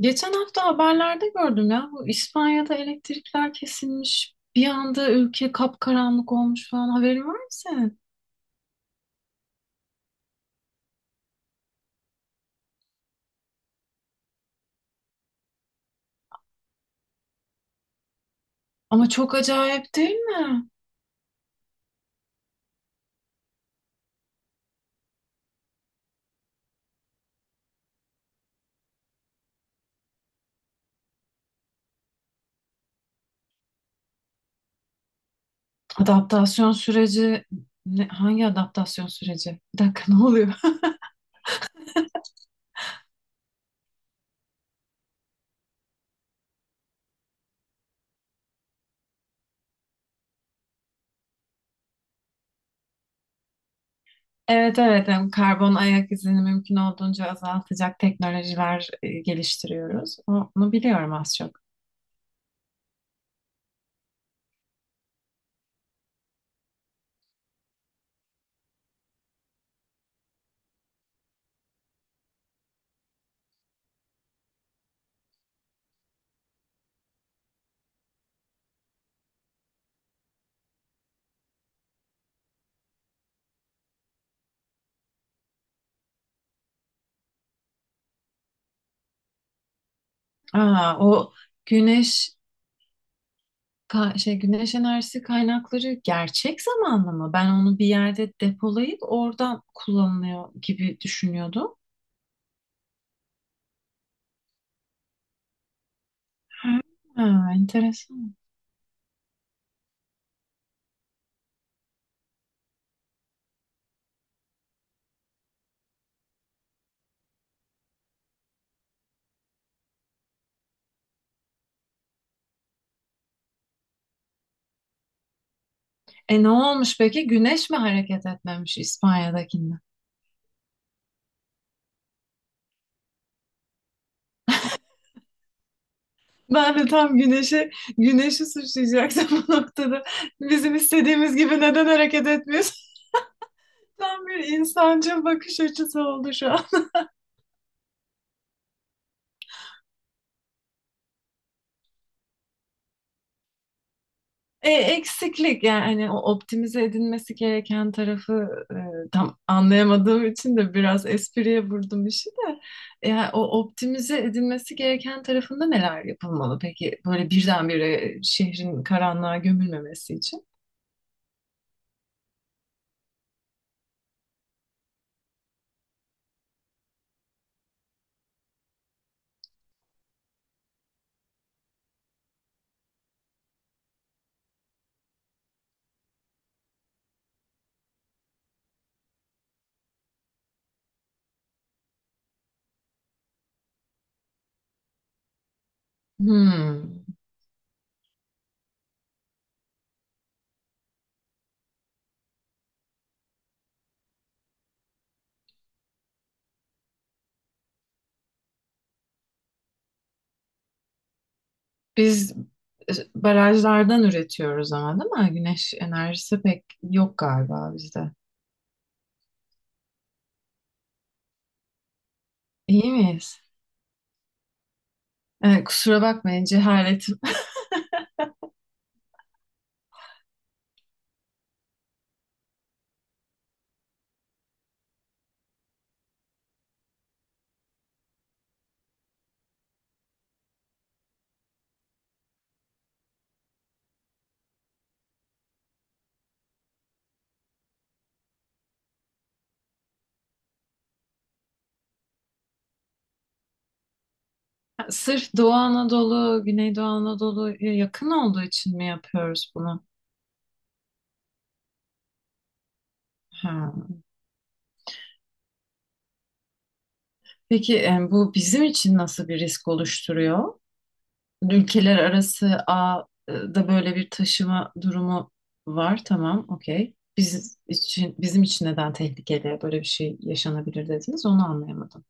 Geçen hafta haberlerde gördüm ya bu İspanya'da elektrikler kesilmiş. Bir anda ülke kapkaranlık olmuş falan haberin var mı senin? Ama çok acayip değil mi? Adaptasyon süreci ne, hangi adaptasyon süreci? Bir dakika ne oluyor? Evet evet yani karbon ayak izini mümkün olduğunca azaltacak teknolojiler geliştiriyoruz. Onu biliyorum az çok. Aa, o güneş ka- şey güneş enerjisi kaynakları gerçek zamanlı mı? Ben onu bir yerde depolayıp oradan kullanılıyor gibi düşünüyordum. Ha, enteresan. E ne olmuş peki? Güneş mi hareket etmemiş İspanya'dakinde? Ben de tam güneşi suçlayacaktım bu noktada. Bizim istediğimiz gibi neden hareket etmiyorsun? Tam bir insancıl bakış açısı oldu şu an. Eksiklik yani hani o optimize edilmesi gereken tarafı tam anlayamadığım için de biraz espriye vurdum işi de. Yani o optimize edilmesi gereken tarafında neler yapılmalı peki böyle birdenbire şehrin karanlığa gömülmemesi için? Hmm. Biz barajlardan üretiyoruz ama değil mi? Güneş enerjisi pek yok galiba bizde. İyi miyiz? Kusura bakmayın cehaletim. Sırf Doğu Anadolu, Güneydoğu Anadolu'ya yakın olduğu için mi yapıyoruz bunu? Ha. Peki bu bizim için nasıl bir risk oluşturuyor? Ülkeler arası ağda böyle bir taşıma durumu var. Tamam, okey. Bizim için neden tehlikeli böyle bir şey yaşanabilir dediniz? Onu anlayamadım.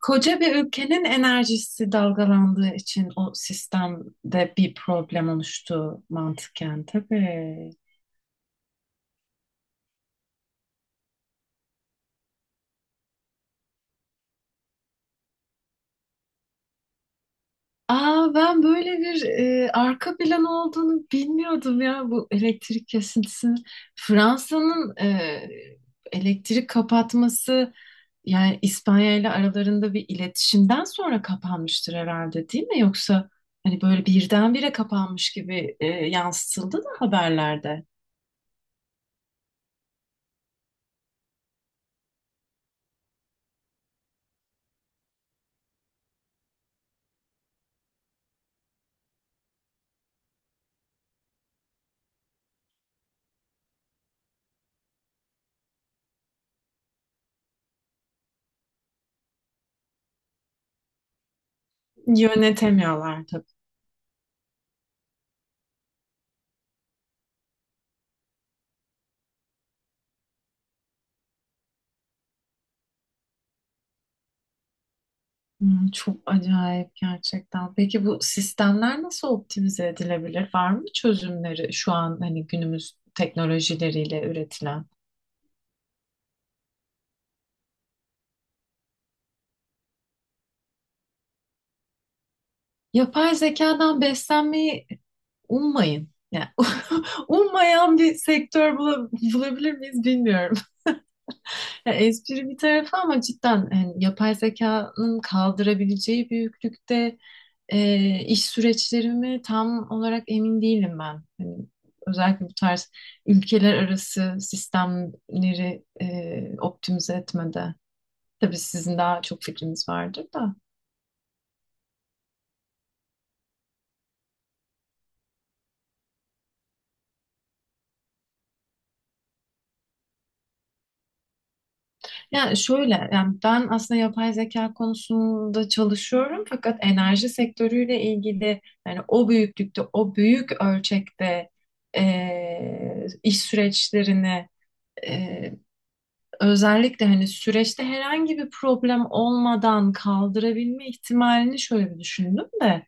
Koca bir ülkenin enerjisi dalgalandığı için o sistemde bir problem oluştu mantıken tabii. Aa, ben böyle bir arka plan olduğunu bilmiyordum ya bu elektrik kesintisinin. Fransa'nın elektrik kapatması yani İspanya ile aralarında bir iletişimden sonra kapanmıştır herhalde değil mi? Yoksa hani böyle birdenbire kapanmış gibi yansıtıldı da haberlerde. Yönetemiyorlar tabii. Hmm, çok acayip gerçekten. Peki bu sistemler nasıl optimize edilebilir? Var mı çözümleri şu an hani günümüz teknolojileriyle üretilen? Yapay zekadan beslenmeyi ummayın. Yani ummayan bir sektör bulabilir miyiz bilmiyorum. Ya espri bir tarafa ama cidden yani yapay zekanın kaldırabileceği büyüklükte iş süreçlerimi tam olarak emin değilim ben. Hani özellikle bu tarz ülkeler arası sistemleri optimize etmede. Tabii sizin daha çok fikriniz vardır da. Yani şöyle, yani ben aslında yapay zeka konusunda çalışıyorum fakat enerji sektörüyle ilgili yani o büyüklükte, o büyük ölçekte iş süreçlerini e, özellikle hani süreçte herhangi bir problem olmadan kaldırabilme ihtimalini şöyle bir düşündüm de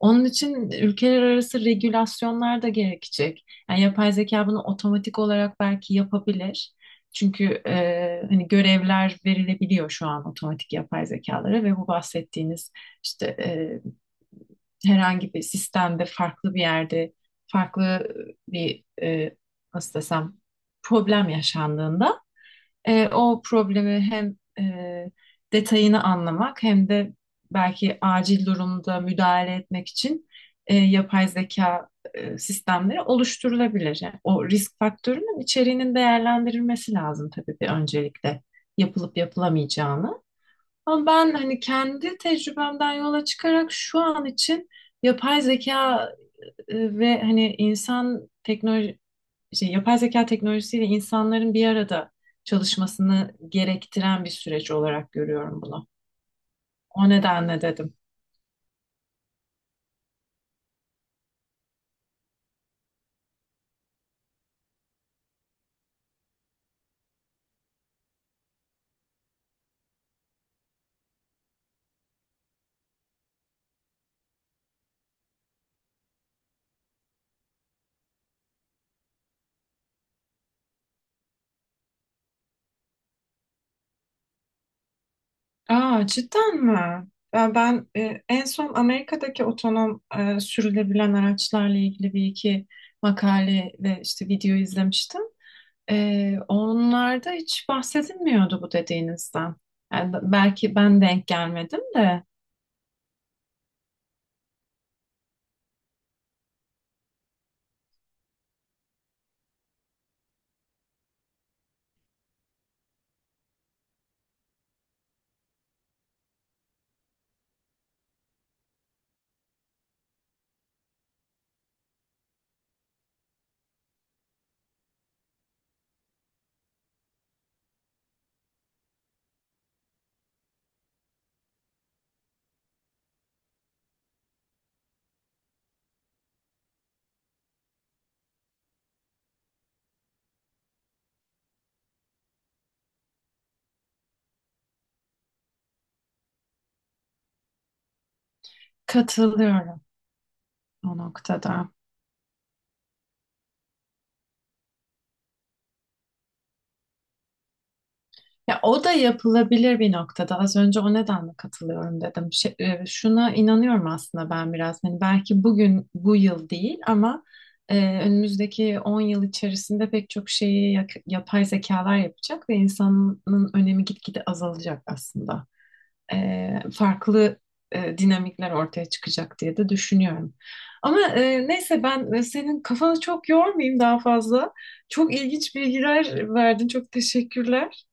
onun için ülkeler arası regülasyonlar da gerekecek. Yani yapay zeka bunu otomatik olarak belki yapabilir. Çünkü hani görevler verilebiliyor şu an otomatik yapay zekalara ve bu bahsettiğiniz işte herhangi bir sistemde farklı bir yerde farklı bir e, nasıl desem problem yaşandığında o problemi hem detayını anlamak hem de belki acil durumda müdahale etmek için yapay zeka sistemleri oluşturulabilir. Yani o risk faktörünün içeriğinin değerlendirilmesi lazım tabii bir öncelikle yapılıp yapılamayacağını. Ama ben hani kendi tecrübemden yola çıkarak şu an için yapay zeka ve hani insan teknoloji yapay zeka teknolojisiyle insanların bir arada çalışmasını gerektiren bir süreç olarak görüyorum bunu. O nedenle dedim. Aa, cidden mi? En son Amerika'daki otonom sürülebilen araçlarla ilgili bir iki makale ve işte video izlemiştim. Onlarda hiç bahsedilmiyordu bu dediğinizden. Yani belki ben denk gelmedim de katılıyorum o noktada. Ya o da yapılabilir bir noktada. Az önce o nedenle katılıyorum dedim. Şuna inanıyorum aslında ben biraz. Hani belki bugün bu yıl değil ama önümüzdeki 10 yıl içerisinde pek çok şeyi yapay zekalar yapacak ve insanın önemi gitgide azalacak aslında. e, Farklı dinamikler ortaya çıkacak diye de düşünüyorum. Ama neyse ben senin kafanı çok yormayayım daha fazla. Çok ilginç bilgiler verdin. Çok teşekkürler.